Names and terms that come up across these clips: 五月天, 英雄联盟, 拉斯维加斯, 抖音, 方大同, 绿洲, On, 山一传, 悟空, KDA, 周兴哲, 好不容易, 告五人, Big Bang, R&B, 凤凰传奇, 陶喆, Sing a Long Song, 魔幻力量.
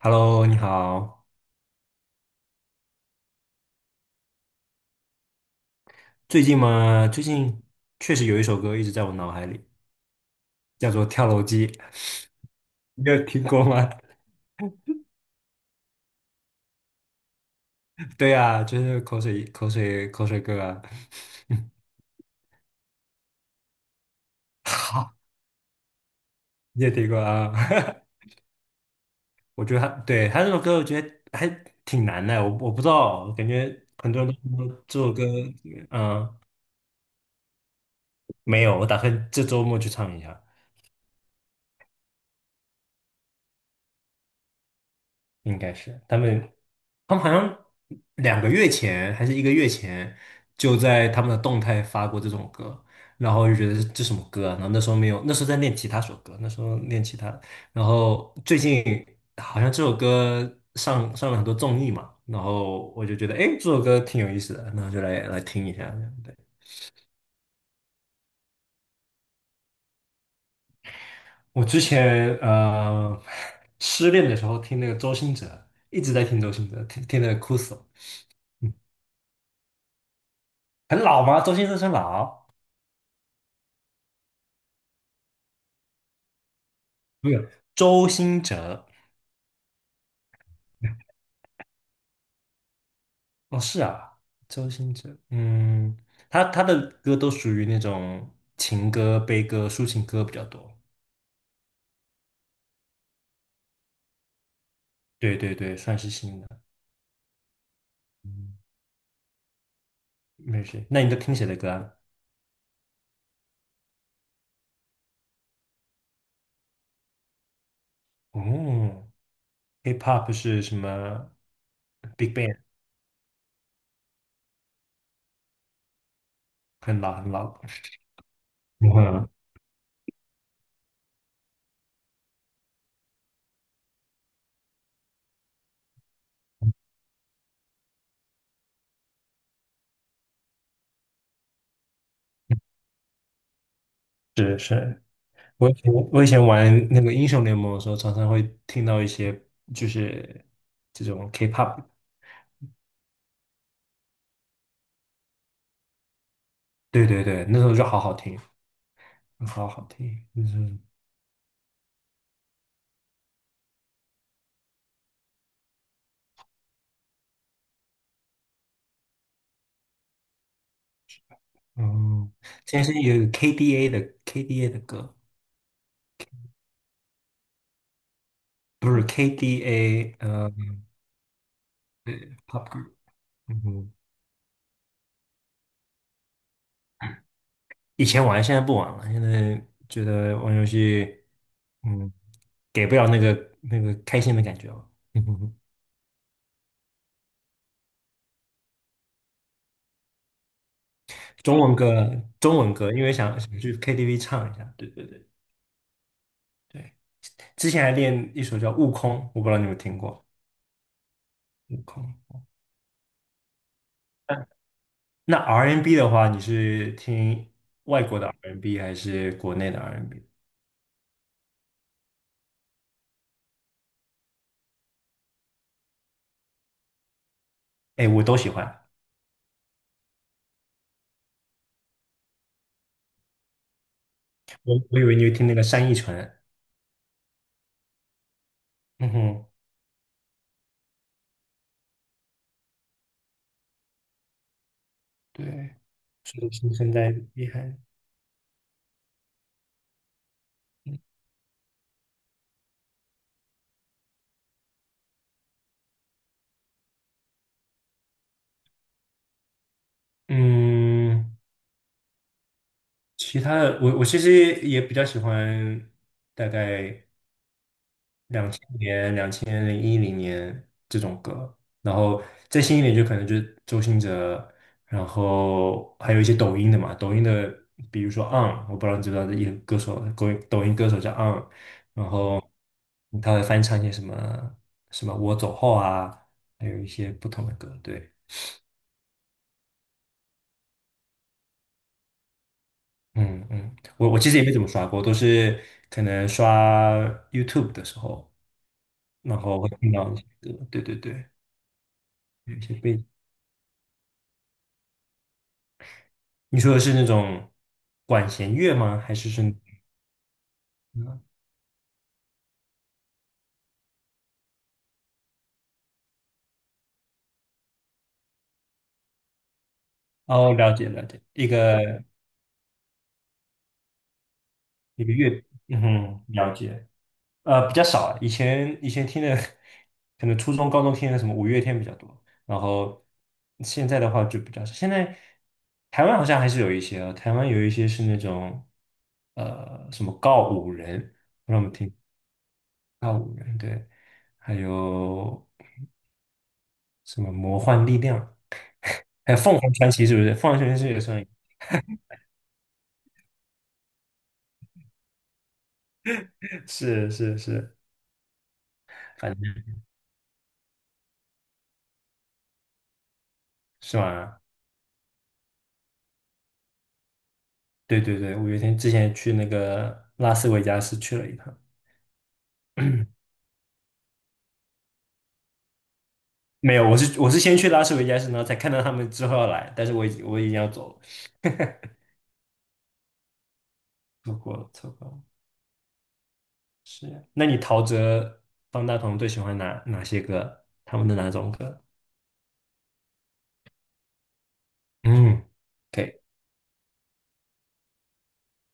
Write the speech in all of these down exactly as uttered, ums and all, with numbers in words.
Hello，你好。最近嘛，最近确实有一首歌一直在我脑海里，叫做《跳楼机》，你有听过吗？对啊，就是口水、口水、口水歌啊。好，你也听过啊？我觉得他对他这首歌，我觉得还挺难的。我我不知道，我感觉很多人都说这首歌，嗯、没有。我打算这周末去唱一下。应该是他们，他们好像两个月前还是一个月前，就在他们的动态发过这种歌，然后就觉得这这什么歌啊？然后那时候没有，那时候在练吉他首歌，那时候练吉他，然后最近好像这首歌上上了很多综艺嘛，然后我就觉得，哎，这首歌挺有意思的，然后就来来听一下这样。对，我之前呃失恋的时候听那个周兴哲，一直在听周兴哲，听听的哭死了。嗯，很老吗？周兴哲很老。没有周兴哲。哦，是啊，周兴哲，嗯，他他的歌都属于那种情歌、悲歌、抒情歌比较多。对对对，算是新的。嗯，没事。那你都听谁的歌啊？哦，Hip-Hop 是什么？Big Bang，很老很老。嗯，是是。我以前我以前玩那个英雄联盟的时候，常常会听到一些就是这种 K-pop。对对对，那时候就好好听，好好听。嗯。哦，现在是有 K D A 的 K D A 的歌，不是 K D A，呃，对，pop group，嗯哼，以前玩，现在不玩了，现在觉得玩游戏，嗯，给不了那个那个开心的感觉了。嗯哼，中文歌，中文歌，因为想想去 K T V 唱一下，对对对对，之前还练一首叫《悟空》，我不知道你有没有听过《悟空》。那 R and B n 的话，你是听外国的 R and B n 还是国内的 R and B？n 哎，我都喜欢。我我以为你会听那个山一传，嗯哼，对，是的新现在厉害。嗯，其他的我我其实也比较喜欢大概。两年、零一零年这种歌，然后再新一点就可能就是周兴哲，然后还有一些抖音的嘛，抖音的比如说 On，我不知道你知不知道这一个歌手，抖音抖音歌手叫 On，然后他会翻唱一些什么什么我走后啊，还有一些不同的歌，对。嗯嗯，我我其实也没怎么刷过，都是可能刷 YouTube 的时候，然后会听到一些歌，对对对，有一些背景。你说的是那种管弦乐吗？还是是？嗯哦，了解了解，一个一个乐，嗯哼了解。呃，比较少啊以前以前听的，可能初中、高中听的什么五月天比较多，然后现在的话就比较少。现在台湾好像还是有一些啊，台湾有一些是那种呃什么告五人，不知我们听告五人，对，还有什么魔幻力量，还有凤凰传奇是不是？凤凰传奇是也算。是是是，反正是吧？对对对，五月天之前去那个拉斯维加斯去了一趟，没有，我是我是先去拉斯维加斯，然后才看到他们之后要来，但是我已经我已经要走了，错过了错过了。是啊，那你陶喆、方大同最喜欢哪哪些歌？他们的哪种歌？嗯，OK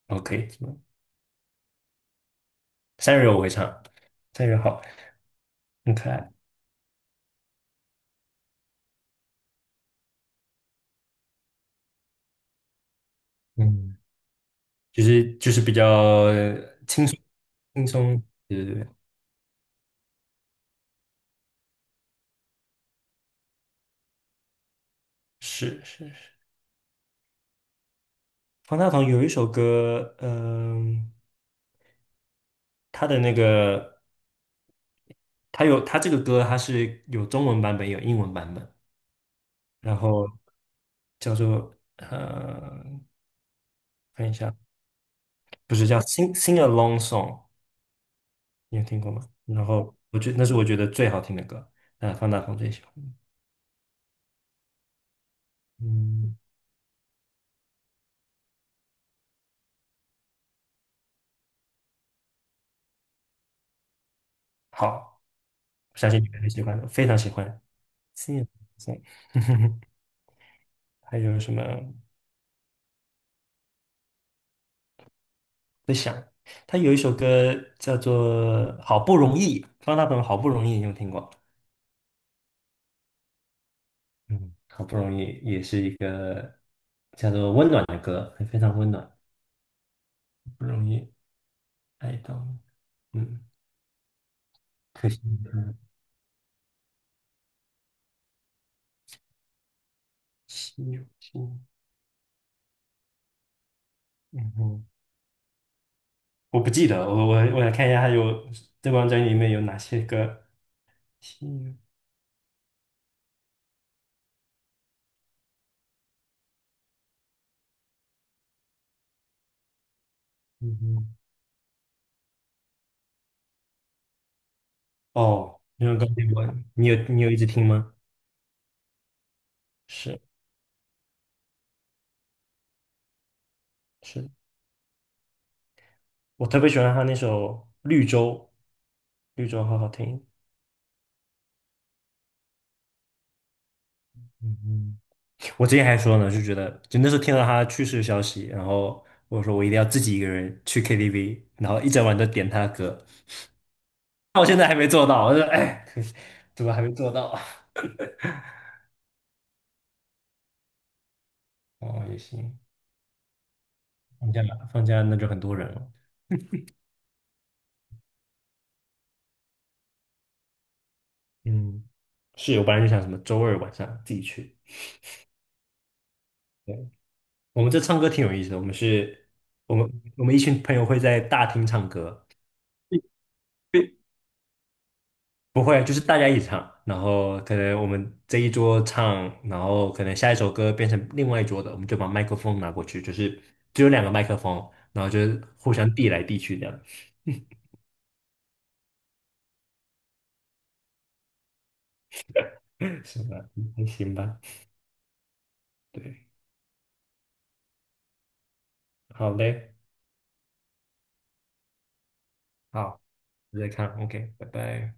OK，三人我会唱，三人好，很可爱，嗯，就是就是比较呃轻松，对对对，是是。方大同有一首歌，嗯、他的那个，他有他这个歌，它是有中文版本，有英文版本，然后叫做呃，看一下，不是叫《Sing Sing a Long Song》，你有听过吗？然后我觉那是我觉得最好听的歌，那方大同最喜欢嗯，好，我相信你们很喜欢的，非常喜欢《Sing a Long Song》还有什么？他有一首歌叫做《好不容易》，方大同《好不容易》，你有听过？嗯，好不容易也是一个叫做温暖的歌，非常温暖，不容易爱到你嗯，可惜你的心有心。嗯哼，我不记得，我我我想看一下，还有这张专辑里面有哪些歌？心有，嗯哼，哦，那首歌给我你有你有一直听吗？是是，我特别喜欢他那首《绿洲》，绿洲好好听。嗯嗯，我之前还说呢，就觉得就那时候听到他去世的消息，然后我说我一定要自己一个人去 K T V，然后一整晚都点他的歌。那我现在还没做到，我就说哎，可惜怎么还没做到啊哦，也行，放假放假那就很多人了。嗯，是我本来就想什么周二晚上自己去。对，我们这唱歌挺有意思的，我们是，我们我们一群朋友会在大厅唱歌。不会，就是大家一起唱，然后可能我们这一桌唱，然后可能下一首歌变成另外一桌的，我们就把麦克风拿过去，就是只有两个麦克风，然后就是互相递来递去这样。是吧？嗯还行吧。对，好嘞，好，再看，OK，拜拜。